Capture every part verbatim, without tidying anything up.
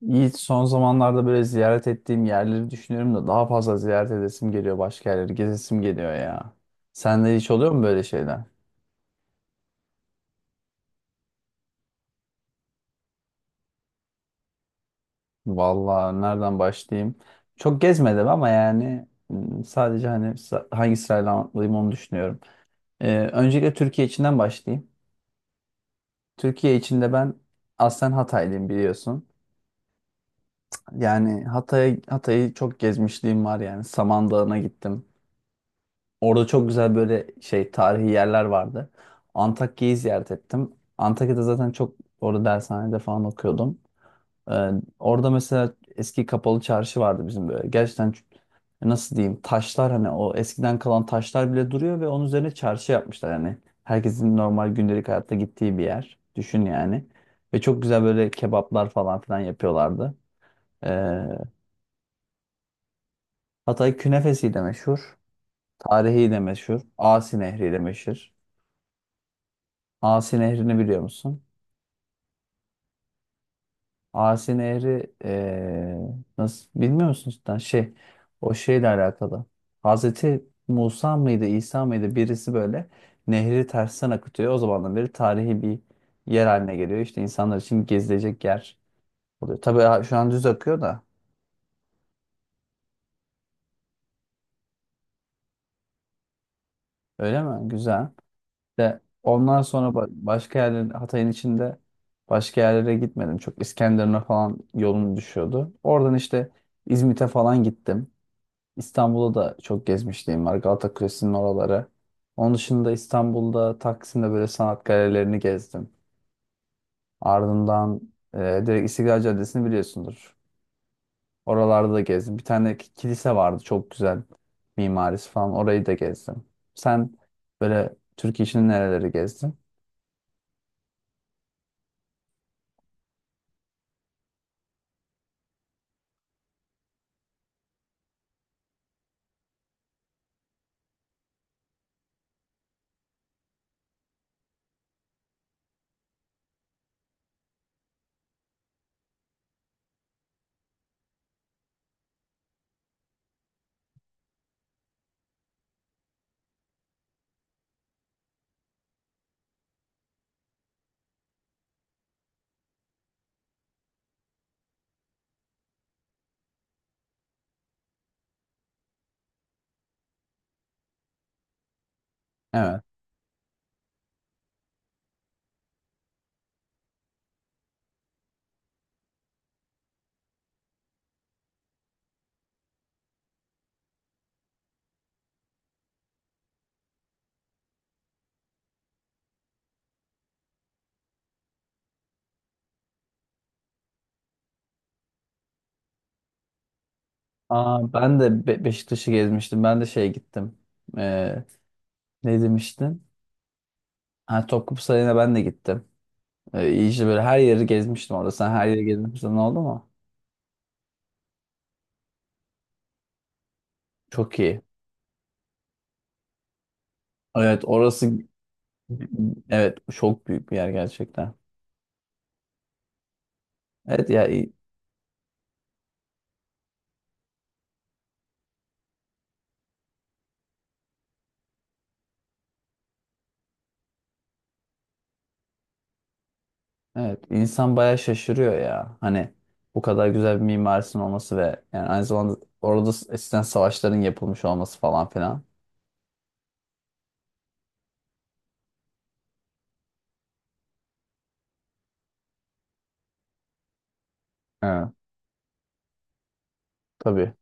Yiğit son zamanlarda böyle ziyaret ettiğim yerleri düşünüyorum da daha fazla ziyaret edesim geliyor başka yerleri gezesim geliyor ya. Sende hiç oluyor mu böyle şeyler? Vallahi nereden başlayayım? Çok gezmedim ama yani m, sadece hani sa- hangi sırayla anlatayım onu düşünüyorum. Ee, öncelikle Türkiye içinden başlayayım. Türkiye içinde ben aslen Hataylıyım biliyorsun. Yani Hatay Hatay'ı çok gezmişliğim var yani. Samandağ'ına gittim. Orada çok güzel böyle şey tarihi yerler vardı. Antakya'yı ziyaret ettim. Antakya'da zaten çok orada dershanede falan okuyordum. Ee, Orada mesela eski kapalı çarşı vardı bizim böyle. Gerçekten ç- nasıl diyeyim taşlar hani o eskiden kalan taşlar bile duruyor ve onun üzerine çarşı yapmışlar yani. Herkesin normal gündelik hayatta gittiği bir yer. Düşün yani. Ve çok güzel böyle kebaplar falan filan yapıyorlardı. Ee, Hatay künefesi de meşhur. Tarihi de meşhur. Asi nehri de meşhur. Asi Nehri'ni biliyor musun? Asi Nehri eee, nasıl bilmiyor musun cidden? Şey o şeyle alakalı. Hazreti Musa mıydı İsa mıydı birisi böyle nehri tersten akıtıyor. O zamandan beri tarihi bir yer haline geliyor. İşte insanlar için gezilecek yer oluyor. Tabii ha- şu an düz akıyor da öyle mi? Güzel. De ondan sonra ba- başka yerler Hatay'ın içinde başka yerlere gitmedim. Çok İskenderun'a falan yolum düşüyordu. Oradan işte İzmit'e falan gittim. İstanbul'da da çok gezmişliğim var. Galata Kulesi'nin oraları. Onun dışında İstanbul'da Taksim'de böyle sanat galerilerini gezdim. Ardından e, direkt İstiklal Caddesi'ni biliyorsundur. Oralarda da gezdim. Bir tane ki- kilise vardı çok güzel mimarisi falan. Orayı da gezdim. Sen böyle Türkiye içinde nereleri gezdin? Evet. Aa, ben de Be- Beşiktaş'ı gezmiştim. Ben de şeye gittim. Ee, Ne demiştin? Ha, Topkapı Sarayı'na ben de gittim. Ee, iyi işte böyle her yeri gezmiştim orada. Sen her yeri gezmişsin oldu mu? Çok iyi. Evet orası evet çok büyük bir yer gerçekten. Evet ya i- evet insan bayağı şaşırıyor ya. Hani bu kadar güzel bir mimarisinin olması ve yani aynı zamanda orada s- eskiden savaşların yapılmış olması falan filan. Evet tabii.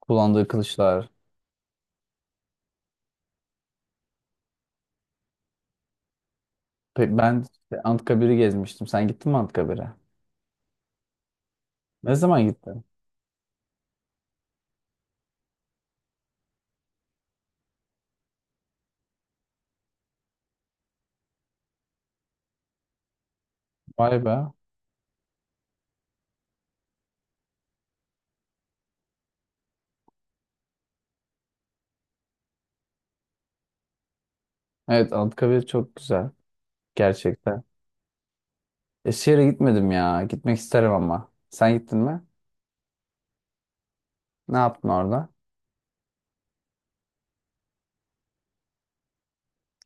Kullandığı kılıçlar. Pe- Ben işte Anıtkabir'i gezmiştim. Sen gittin mi Anıtkabir'e? Ne zaman gittin? Vay be. Evet Anıtkabir çok güzel. Gerçekten. Eskişehir'e gitmedim ya. Gitmek isterim ama. Sen gittin mi? Ne yaptın orada?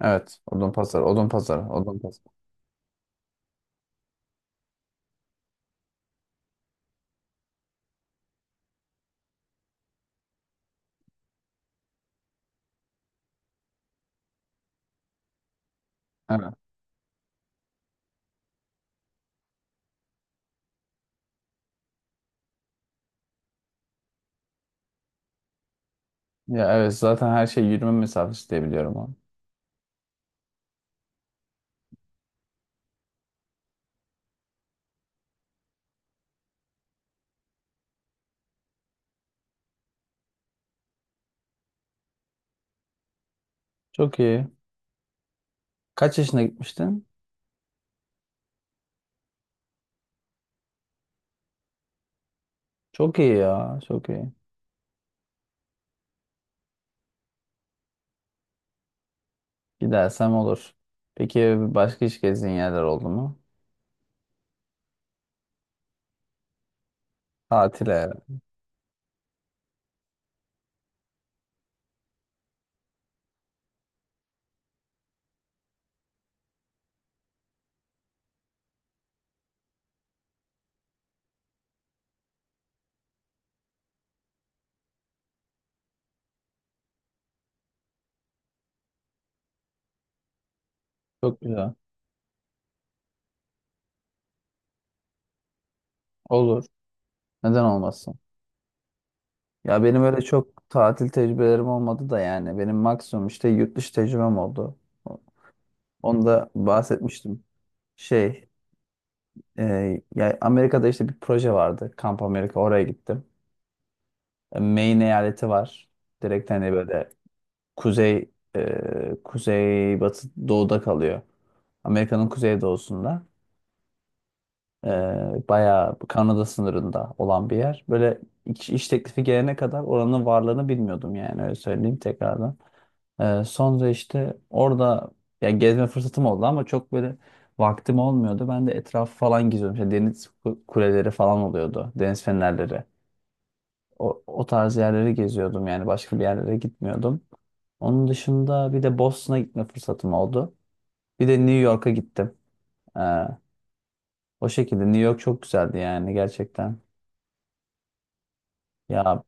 Evet. Odunpazarı. Odunpazarı. Odunpazarı. Evet. Ya evet zaten her şey yürüme mesafesi diye biliyorum onu. Çok iyi. Kaç yaşına gitmiştin? Çok iyi ya. Çok iyi. Gidersem olur. Peki başka hiç gezdiğin yerler oldu mu? Tatile. Çok güzel. Olur. Neden olmasın? Ya benim öyle çok tatil tecrübelerim olmadı da yani. Benim maksimum işte yurt dışı tecrübem oldu. Onu da bahsetmiştim. Şey, Ee, ya Amerika'da işte bir proje vardı. Kamp Amerika oraya gittim. E, Maine eyaleti var. Direkt hani böyle kuzey e, kuzey batı doğuda kalıyor. Amerika'nın kuzey doğusunda. E, Bayağı Kanada sınırında olan bir yer. Böyle iş, iş teklifi gelene kadar oranın varlığını bilmiyordum yani öyle söyleyeyim tekrardan. Ee, sonra işte orada ya gezme fırsatım oldu ama çok böyle vaktim olmuyordu. Ben de etrafı falan geziyordum. İşte deniz ku- kuleleri falan oluyordu. Deniz fenerleri. O, o tarz yerleri geziyordum yani başka bir yerlere gitmiyordum. Onun dışında bir de Boston'a gitme fırsatım oldu. Bir de New York'a gittim. Ee, O şekilde New York çok güzeldi yani gerçekten. Ya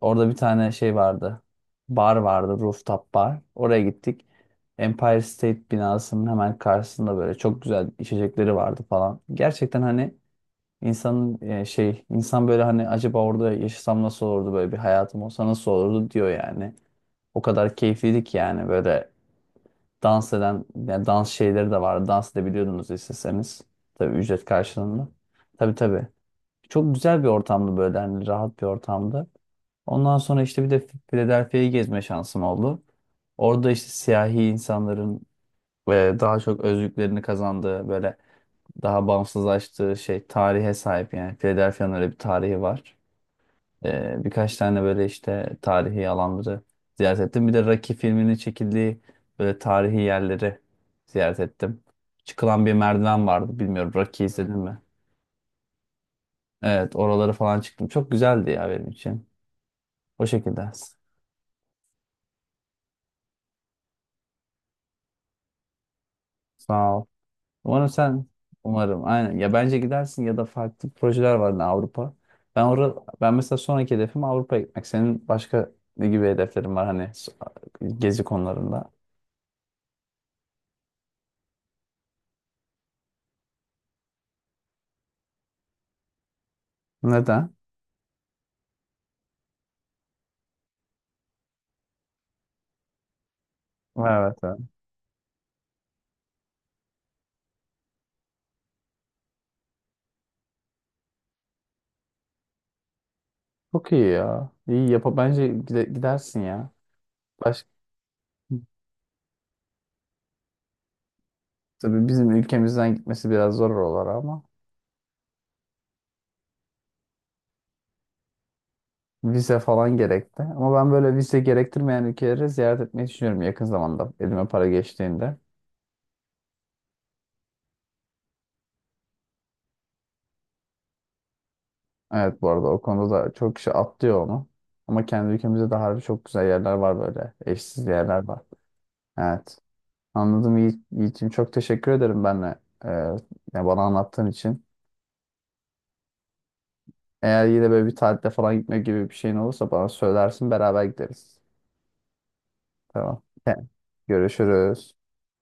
orada bir tane şey vardı. Bar vardı, rooftop bar. Oraya gittik. Empire State binasının hemen karşısında böyle çok güzel içecekleri vardı falan. Gerçekten hani insanın e, şey insan böyle hani acaba orada yaşasam nasıl olurdu böyle bir hayatım olsa nasıl olurdu diyor yani. O kadar keyifliydi ki yani böyle dans eden yani dans şeyleri de vardı. Dans edebiliyordunuz isteseniz. Tabii ücret karşılığında. Tabii tabii. Çok güzel bir ortamdı böyle hani rahat bir ortamdı. Ondan sonra işte bir de Philadelphia'yı gezme şansım oldu. Orada işte siyahi insanların ve daha çok özgürlüklerini kazandığı böyle daha bağımsızlaştığı şey tarihe sahip yani Philadelphia'nın öyle bir tarihi var. Ee, birkaç tane böyle işte tarihi alanları ziyaret ettim. Bir de Rocky filminin çekildiği böyle tarihi yerleri ziyaret ettim. Çıkılan bir merdiven vardı. Bilmiyorum Rocky izledin mi? Evet oraları falan çıktım. Çok güzeldi ya benim için. O şekilde. Sağ ol. Umarım sen umarım aynen ya bence gidersin ya da farklı projeler var da Avrupa. Ben orada ben mesela sonraki hedefim Avrupa'ya gitmek. Senin başka ne gibi hedeflerin var hani so- gezi konularında? Neden? Evet, evet. Çok iyi ya. İyi yap bence gide- gidersin ya. Baş tabii bizim ülkemizden gitmesi biraz zor olur ama vize falan gerekti. Ama ben böyle vize gerektirmeyen ülkeleri ziyaret etmeyi düşünüyorum yakın zamanda elime para geçtiğinde. Evet bu arada o konuda da çok kişi atlıyor onu. Ama kendi ülkemizde de harbi çok güzel yerler var böyle. Eşsiz yerler var. Evet. Anladım Yi- Yiğit'ciğim. Çok teşekkür ederim benle. Ee, Yani bana anlattığın için. Eğer yine böyle bir tatile falan gitme gibi bir şeyin olursa bana söylersin beraber gideriz. Tamam. Tamam. Görüşürüz.